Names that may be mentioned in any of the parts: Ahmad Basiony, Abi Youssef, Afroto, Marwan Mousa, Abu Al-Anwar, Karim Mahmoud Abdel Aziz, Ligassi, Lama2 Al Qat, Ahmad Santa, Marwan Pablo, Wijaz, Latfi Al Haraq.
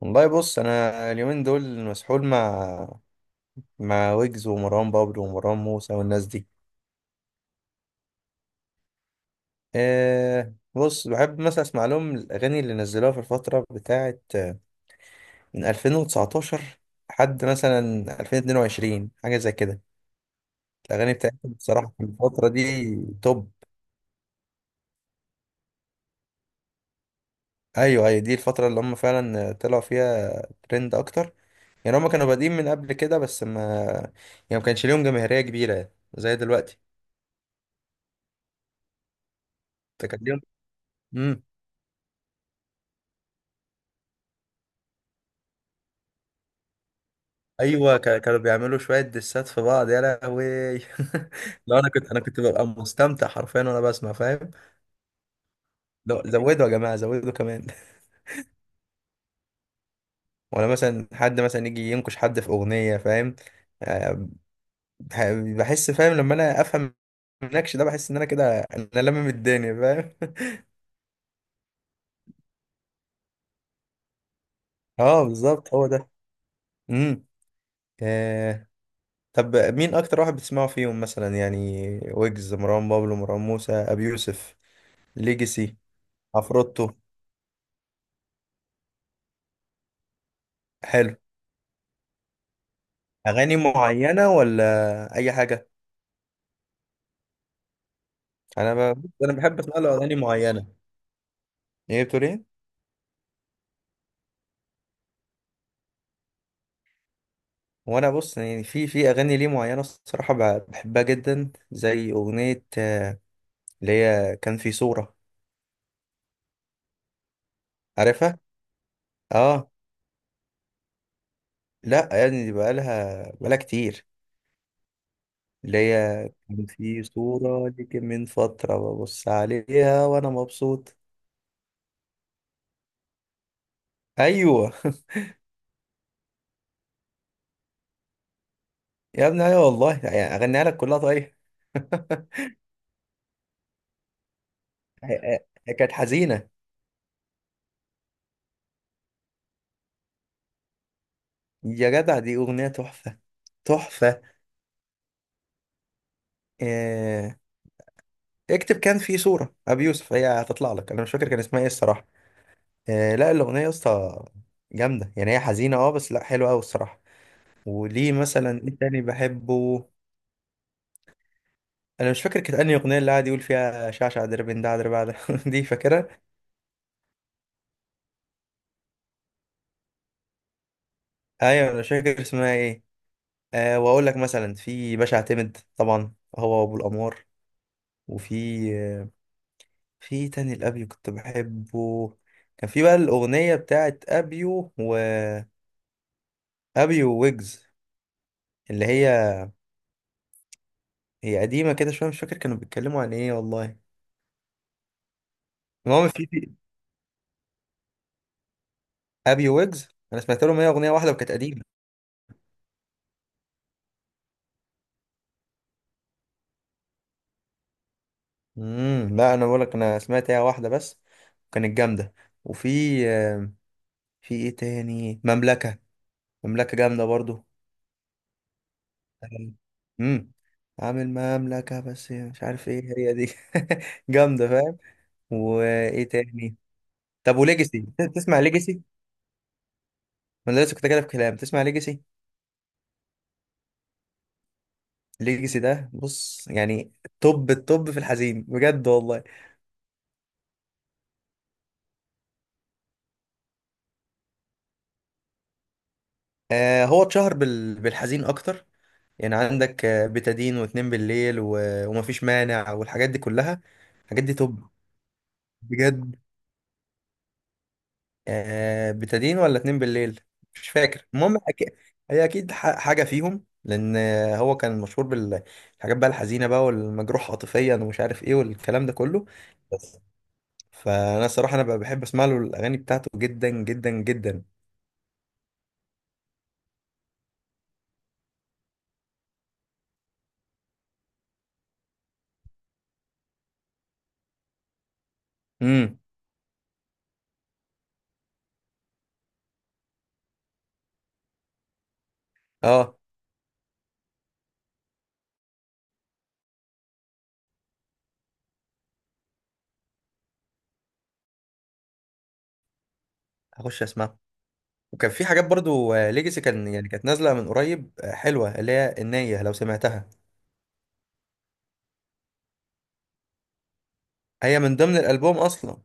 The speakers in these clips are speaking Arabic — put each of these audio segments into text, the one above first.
والله بص، انا اليومين دول مسحول مع ويجز ومروان بابلو ومروان موسى والناس دي. بص بحب مثلا اسمع لهم الاغاني اللي نزلوها في الفتره بتاعه من 2019 لحد مثلا 2022، حاجه زي كده. الاغاني بتاعتهم بصراحه في الفتره دي توب. ايوه ايوه، دي الفتره اللي هم فعلا طلعوا فيها ترند اكتر. يعني هم كانوا بادئين من قبل كده بس ما، يعني ما كانش ليهم جماهيريه كبيره زي دلوقتي. تكلم. ايوه، كانوا بيعملوا شويه دسات في بعض يا لهوي. لو انا كنت ببقى مستمتع حرفيا وانا بسمع، فاهم؟ لو زودوا يا جماعه، زودوا كمان. ولا مثلا حد مثلا يجي ينكش حد في اغنيه، فاهم؟ آه، بح- بحس، فاهم؟ لما انا افهم النكش ده بحس ان انا كده لمم الدنيا، فاهم؟ اه بالظبط، هو ده. امم آه. طب مين اكتر واحد بتسمعه فيهم مثلا، يعني ويجز، مروان بابلو، مروان موسى، ابي يوسف، ليجاسي، عفروتو؟ حلو. اغاني معينه ولا اي حاجه؟ انا بحب اسمع له اغاني معينه. ايه بتقول ايه؟ وانا بص، يعني في اغاني ليه معينه الصراحه بحبها جدا، زي اغنيه اللي هي كان في صوره. عارفها؟ اه. لا، يعني دي بقالها كتير. اللي هي كان في صوره ليك من فتره ببص عليها وانا مبسوط. ايوه. يا ابني، ايوه والله، يعني اغنيها لك كلها طيب. هي- هي كانت حزينه. يا جدع، دي اغنيه تحفه، تحفة. آه، اكتب كان في صورة أبي يوسف هي هتطلع لك. أنا مش فاكر كان اسمها إيه الصراحة. لا، الأغنية يا اسطى جامدة، يعني هي حزينة أه بس لا حلوة أوي الصراحة. وليه مثلا إيه تاني بحبه؟ أنا مش فاكر كانت أنهي أغنية اللي قاعد يقول فيها شعشع دربن ده دربع ده، دي فاكرها. أيوة، أنا مش فاكر اسمها إيه. أه، وأقول لك مثلا في باشا اعتمد طبعا، هو وأبو الأنوار. وفي آه، في تاني الأبيو كنت بحبه. كان في بقى الأغنية بتاعت أبيو وأبيو ويجز، اللي هي، هي قديمة كده شوية، مش فاكر كانوا بيتكلموا عن ايه والله. المهم في ابي ويجز انا سمعت لهم هي اغنية واحدة وكانت قديمة. امم، لا انا بقول لك انا سمعت هي واحدة بس، وكانت جامدة. وفي آه، في ايه تاني، مملكة. مملكة جامدة برضو. امم، عامل مملكة بس مش عارف ايه هي دي. جامدة، فاهم؟ وايه تاني؟ طب وليجاسي، تسمع ليجاسي؟ ما انا لسه كنت كده في كلام، تسمع ليجاسي؟ ليجاسي ده بص، يعني توب التوب في الحزين بجد والله. آه، هو اتشهر بالحزين اكتر. يعني عندك بتادين واتنين بالليل، و... ومفيش مانع والحاجات دي كلها. الحاجات دي توب بجد. آه، بتادين ولا اتنين بالليل، مش فاكر. المهم هي اكيد حاجه فيهم، لان هو كان مشهور بالحاجات بقى الحزينه بقى، والمجروح عاطفيا ومش عارف ايه والكلام ده كله. بس فانا الصراحه انا بقى بحب اسمع له الاغاني بتاعته جدا جدا جدا. امم. اه، هخش اسمعها. وكان في حاجات برضو ليجاسي كان يعني كانت نازله من قريب، حلوه، اللي هي النيه لو سمعتها. هي من ضمن الالبوم اصلا.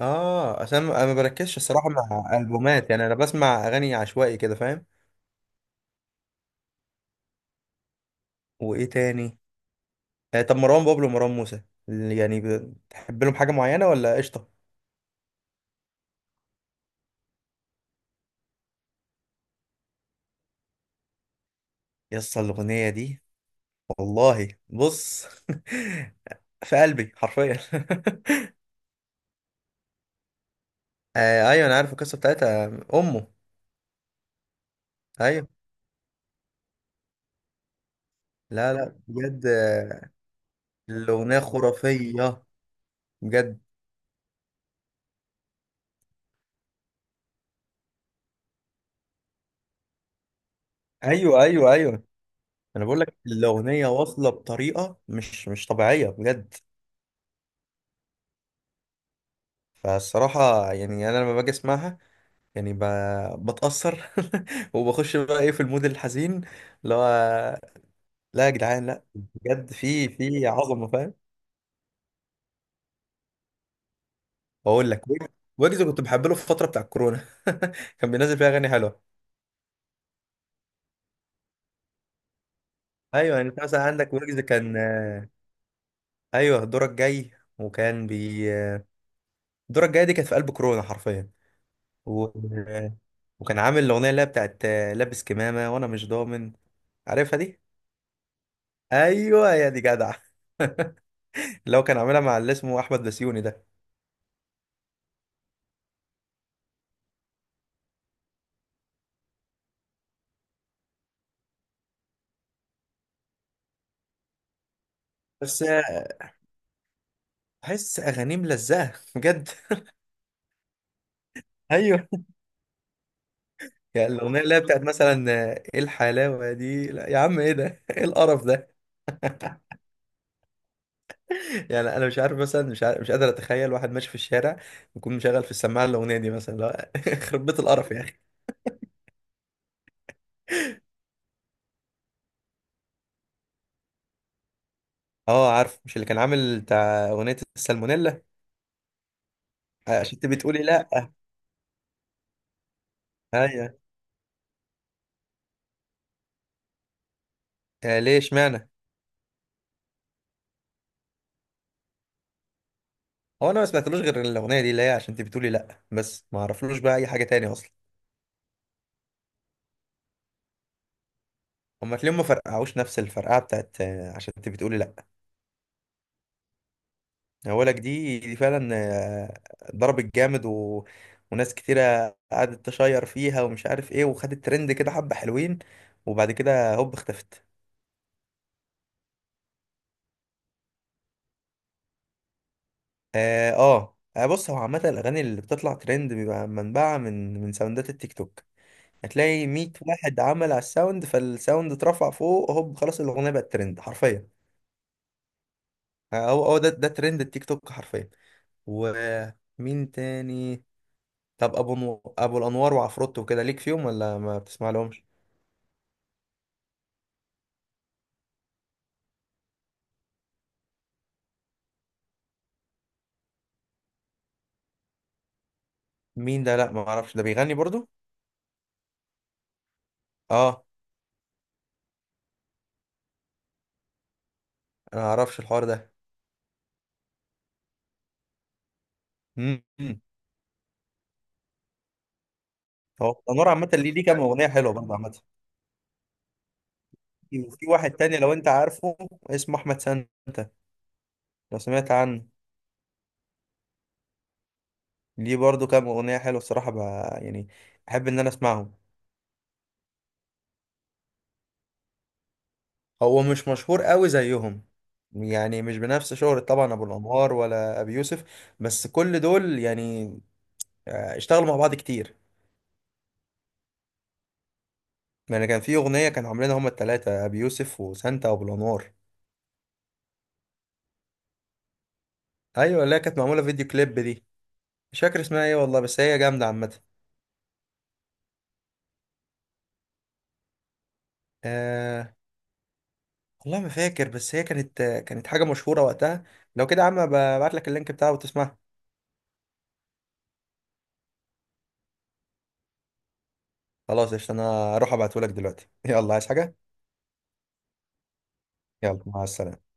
اه، عشان انا ما أنا ما بركزش الصراحه مع البومات، يعني انا بسمع اغاني عشوائي كده، فاهم؟ وايه تاني؟ آه، طب مروان بابلو ومروان موسى، يعني بتحب لهم حاجه معينه ولا قشطه؟ يس، الاغنيه دي، والله بص في قلبي حرفيا. آه ايوه، انا عارف القصه بتاعتها، امه. ايوه. لا لا بجد، الأغنية خرافية بجد. ايوه ايوه ايوه. أنا بقول لك الأغنية واصلة بطريقة مش طبيعية بجد. فالصراحة يعني أنا لما باجي أسمعها، يعني بتأثر، وبخش بقى إيه في المود الحزين اللي هو، لا يا جدعان لا بجد في عظمة، فاهم؟ بقول لك ويجز. ويجز كنت بحب له في الفترة بتاع الكورونا. كان بينزل فيها أغاني حلوة. أيوه، يعني أنت مثلا عندك ويجز كان أيوه، دورك جاي. وكان بي آه، دورك جاي دي كانت في قلب كورونا حرفيا. و... وكان عامل الاغنيه اللي هي بتاعت لابس كمامه وانا مش ضامن. عارفها دي؟ ايوه يا دي جدع. اللي هو كان عاملها مع اللي اسمه احمد بسيوني ده. بس بحس اغانيه ملزقه بجد. ايوه. يعني الاغنيه اللي هي بتاعت مثلا ايه الحلاوه دي، لا يا عم ايه ده، ايه القرف ده. يعني انا مش عارف مثلا، مش عارف، مش قادر اتخيل واحد ماشي في الشارع يكون مشغل في السماعه الاغنيه دي مثلا، لا يخرب بيت القرف يا اخي. اه عارف، مش اللي كان عامل بتاع اغنيه السالمونيلا عشان انت بتقولي لا؟ ايوه. آه ليه، اشمعنى؟ هو انا ما سمعتلوش غير الاغنيه دي اللي هي عشان انت بتقولي لا، بس ما اعرفلوش بقى اي حاجه تاني اصلا. هما تلاقيهم ما فرقعوش نفس الفرقعه بتاعت عشان انت بتقولي لا. اولك دي دي فعلا ضربت جامد، و... وناس كتيره قعدت تشير فيها ومش عارف ايه، وخدت ترند كده حبه حلوين، وبعد كده هوب اختفت. اه، بص، هو عامه الاغاني اللي بتطلع ترند بيبقى منبعها من ساوندات التيك توك. هتلاقي 100 واحد عمل على الساوند، فالساوند اترفع فوق هوب خلاص الاغنيه بقت ترند حرفيا. هو ده ترند التيك توك حرفيا. ومين تاني؟ طب ابو الانوار وعفروتو وكده، ليك فيهم ولا ما بتسمع لهمش؟ مين ده؟ لا ما اعرفش، ده بيغني برضو؟ اه، انا ما اعرفش الحوار ده. امم. هو الانوار عامه ليه كام اغنيه حلوه برضه عامه. وفي واحد تاني لو انت عارفه، اسمه احمد سانتا، لو سمعت عنه. ليه برضه كام اغنيه حلوه الصراحه، بقى يعني احب ان انا اسمعهم. هو مش مشهور قوي زيهم، يعني مش بنفس شهرة طبعا ابو الانوار ولا ابي يوسف، بس كل دول يعني اشتغلوا مع بعض كتير. يعني كان في اغنية كانوا عاملينها هما التلاتة، ابي يوسف وسانتا وابو الانوار. ايوه، اللي هي كانت معمولة فيديو كليب دي. مش فاكر اسمها ايه والله بس هي جامدة عامة. أه والله ما فاكر، بس هي كانت كانت حاجة مشهورة وقتها. لو كده يا عم ببعت لك اللينك بتاعه وتسمعها. خلاص قشطة، انا اروح ابعته لك دلوقتي. يلا، عايز حاجة؟ يلا مع السلامة.